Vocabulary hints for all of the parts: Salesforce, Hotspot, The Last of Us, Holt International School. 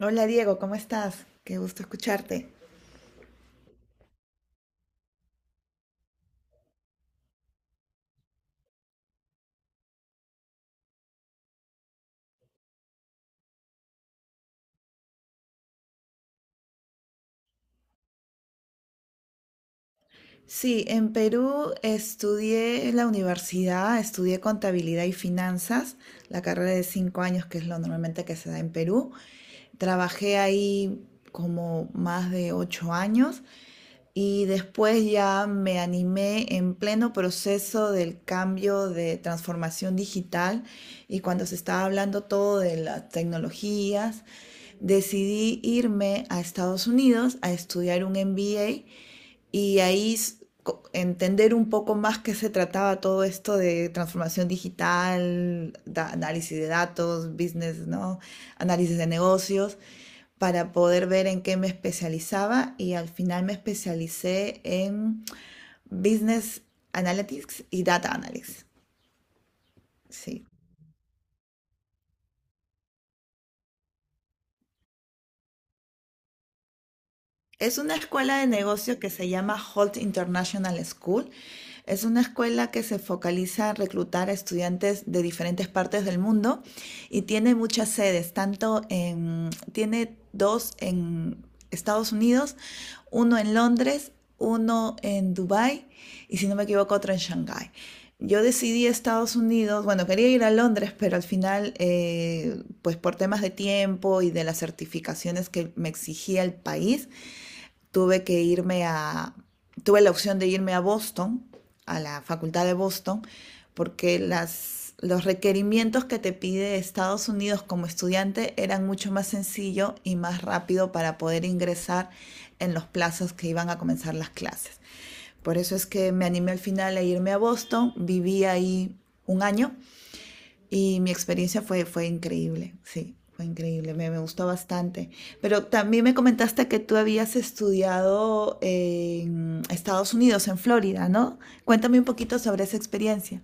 Hola Diego, ¿cómo estás? Qué gusto escucharte. Sí, en Perú estudié en la universidad, estudié contabilidad y finanzas, la carrera de 5 años, que es lo normalmente que se da en Perú. Trabajé ahí como más de 8 años y después ya me animé en pleno proceso del cambio de transformación digital y cuando se estaba hablando todo de las tecnologías decidí irme a Estados Unidos a estudiar un MBA y ahí entender un poco más qué se trataba todo esto de transformación digital, da, análisis de datos, business, ¿no? análisis de negocios, para poder ver en qué me especializaba y al final me especialicé en business analytics y data analytics. Sí. Es una escuela de negocio que se llama Holt International School. Es una escuela que se focaliza en reclutar a estudiantes de diferentes partes del mundo y tiene muchas sedes, tiene dos en Estados Unidos, uno en Londres, uno en Dubái y si no me equivoco otro en Shanghái. Yo decidí Estados Unidos, bueno, quería ir a Londres, pero al final, pues por temas de tiempo y de las certificaciones que me exigía el país, tuve que irme a, tuve la opción de irme a Boston, a la Facultad de Boston, porque los requerimientos que te pide Estados Unidos como estudiante eran mucho más sencillo y más rápido para poder ingresar en los plazos que iban a comenzar las clases. Por eso es que me animé al final a irme a Boston, viví ahí un año y mi experiencia fue increíble, sí, fue increíble, me gustó bastante. Pero también me comentaste que tú habías estudiado en Estados Unidos, en Florida, ¿no? Cuéntame un poquito sobre esa experiencia.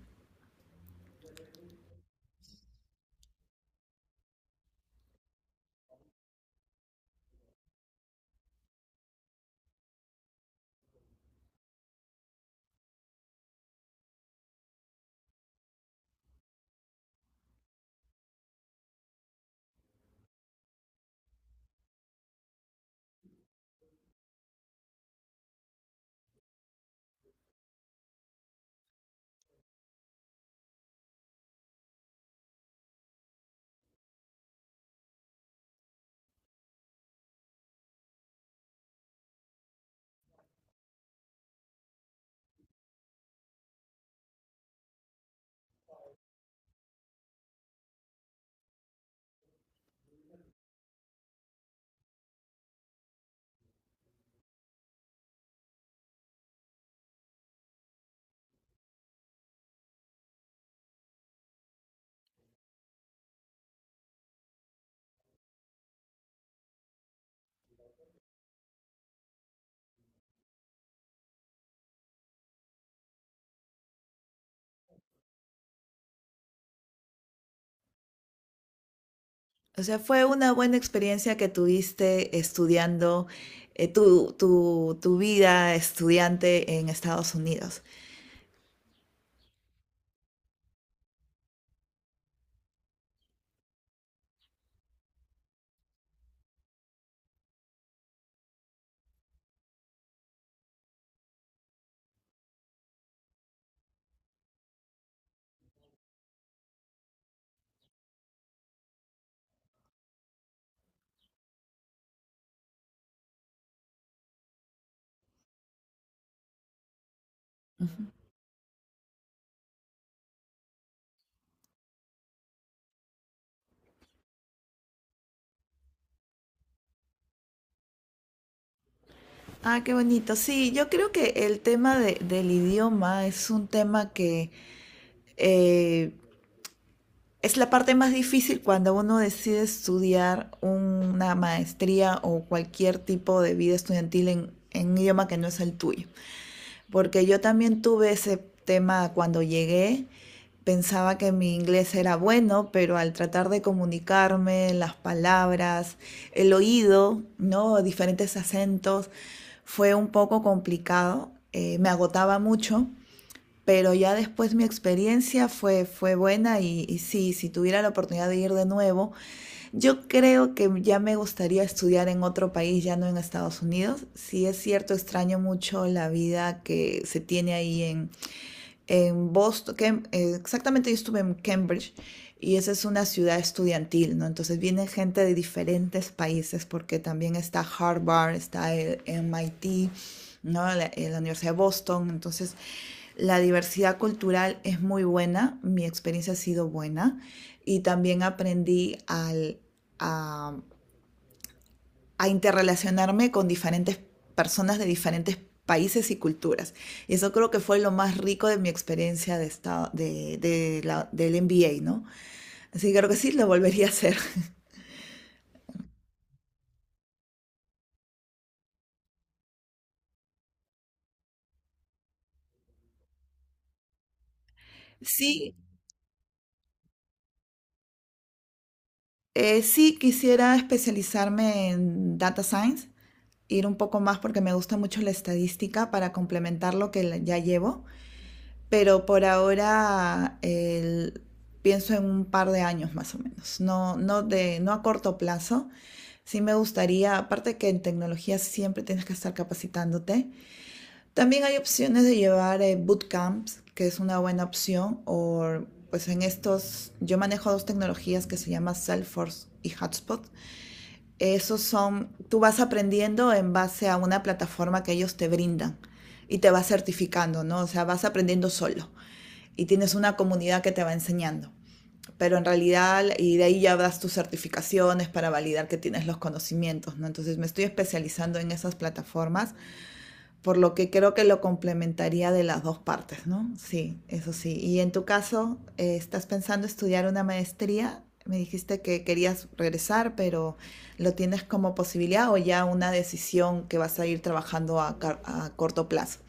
O sea, fue una buena experiencia que tuviste estudiando tu vida estudiante en Estados Unidos. Ujú. Ah, qué bonito. Sí, yo creo que el tema del idioma es un tema que eh, Es la parte más difícil cuando uno decide estudiar una maestría o cualquier tipo de vida estudiantil en, un idioma que no es el tuyo. Porque yo también tuve ese tema cuando llegué. Pensaba que mi inglés era bueno, pero al tratar de comunicarme, las palabras, el oído, ¿no? diferentes acentos, fue un poco complicado. Me agotaba mucho pero ya después mi experiencia fue buena y sí, si tuviera la oportunidad de ir de nuevo, yo creo que ya me gustaría estudiar en otro país, ya no en Estados Unidos. Sí es cierto, extraño mucho la vida que se tiene ahí en, Boston, que, exactamente yo estuve en Cambridge y esa es una ciudad estudiantil, ¿no? Entonces viene gente de diferentes países porque también está Harvard, está el MIT, ¿no? La Universidad de Boston, entonces la diversidad cultural es muy buena, mi experiencia ha sido buena y también aprendí al, a a interrelacionarme con diferentes personas de diferentes países y culturas. Y eso creo que fue lo más rico de mi experiencia de estado, del MBA, ¿no? Así que creo que sí, lo volvería a hacer. Sí, sí quisiera especializarme en data science, ir un poco más porque me gusta mucho la estadística para complementar lo que ya llevo, pero pienso en un par de años más o menos, no, no, no a corto plazo. Sí me gustaría, aparte que en tecnología siempre tienes que estar capacitándote, también hay opciones de llevar bootcamps, que es una buena opción, o pues en estos, yo manejo dos tecnologías que se llaman Salesforce y Hotspot. Esos son, tú vas aprendiendo en base a una plataforma que ellos te brindan y te vas certificando, ¿no? O sea, vas aprendiendo solo y tienes una comunidad que te va enseñando pero en realidad, y de ahí ya das tus certificaciones para validar que tienes los conocimientos, ¿no? Entonces me estoy especializando en esas plataformas, por lo que creo que lo complementaría de las dos partes, ¿no? Sí, eso sí. Y en tu caso, ¿estás pensando estudiar una maestría? Me dijiste que querías regresar, pero ¿lo tienes como posibilidad o ya una decisión que vas a ir trabajando a corto plazo?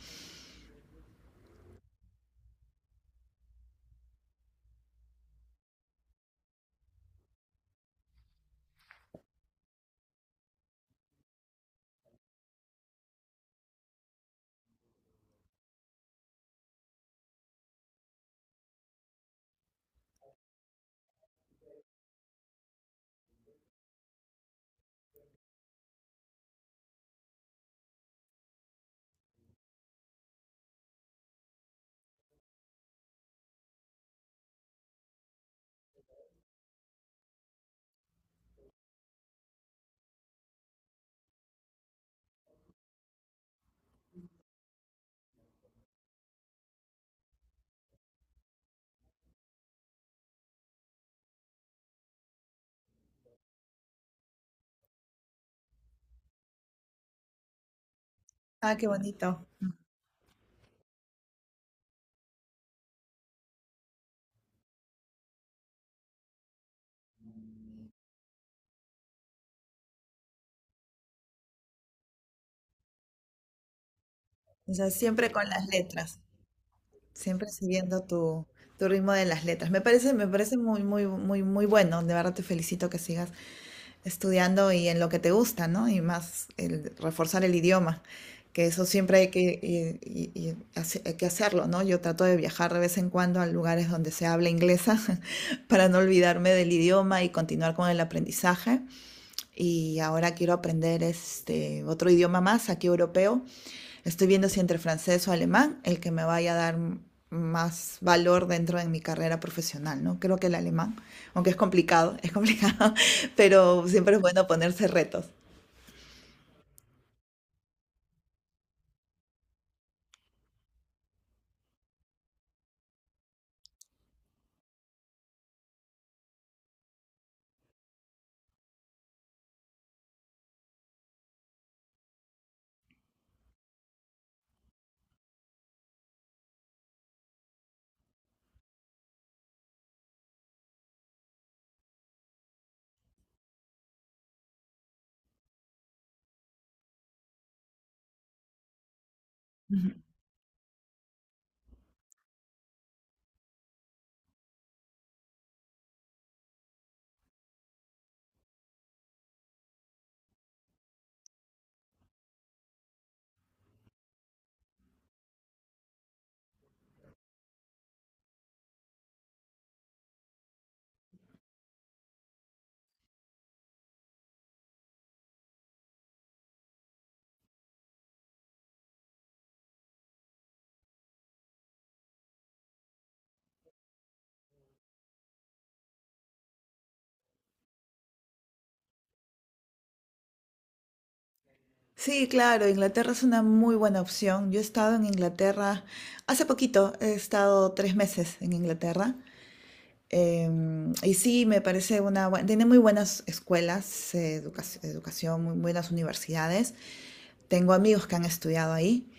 Ah, qué bonito. O sea, siempre con las letras. Siempre siguiendo tu ritmo de las letras. Me parece muy, muy, muy, muy bueno. De verdad te felicito que sigas estudiando y en lo que te gusta, ¿no? Y más el reforzar el idioma, que eso siempre hay que hacerlo, ¿no? Yo trato de viajar de vez en cuando a lugares donde se habla inglesa para no olvidarme del idioma y continuar con el aprendizaje y ahora quiero aprender este otro idioma más, aquí europeo. Estoy viendo si entre francés o alemán, el que me vaya a dar más valor dentro de mi carrera profesional, ¿no? Creo que el alemán, aunque es complicado, pero siempre es bueno ponerse retos. Sí, claro, Inglaterra es una muy buena opción. Yo he estado en Inglaterra hace poquito, he estado 3 meses en Inglaterra. Y sí, me parece una buena, tiene muy buenas escuelas, educación, muy buenas universidades. Tengo amigos que han estudiado ahí.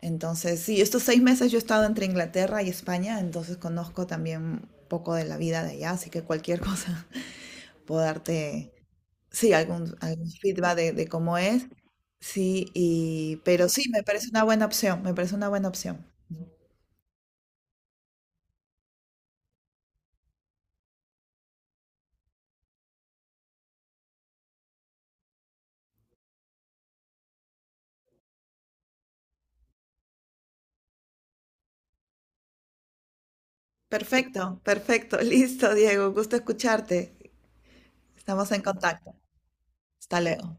Entonces, sí, estos 6 meses yo he estado entre Inglaterra y España, entonces conozco también un poco de la vida de allá, así que cualquier cosa puedo darte, sí, algún feedback de cómo es. Sí, pero sí, me parece una buena opción, me parece una buena opción. Perfecto, perfecto, listo, Diego, gusto escucharte. Estamos en contacto. Hasta luego.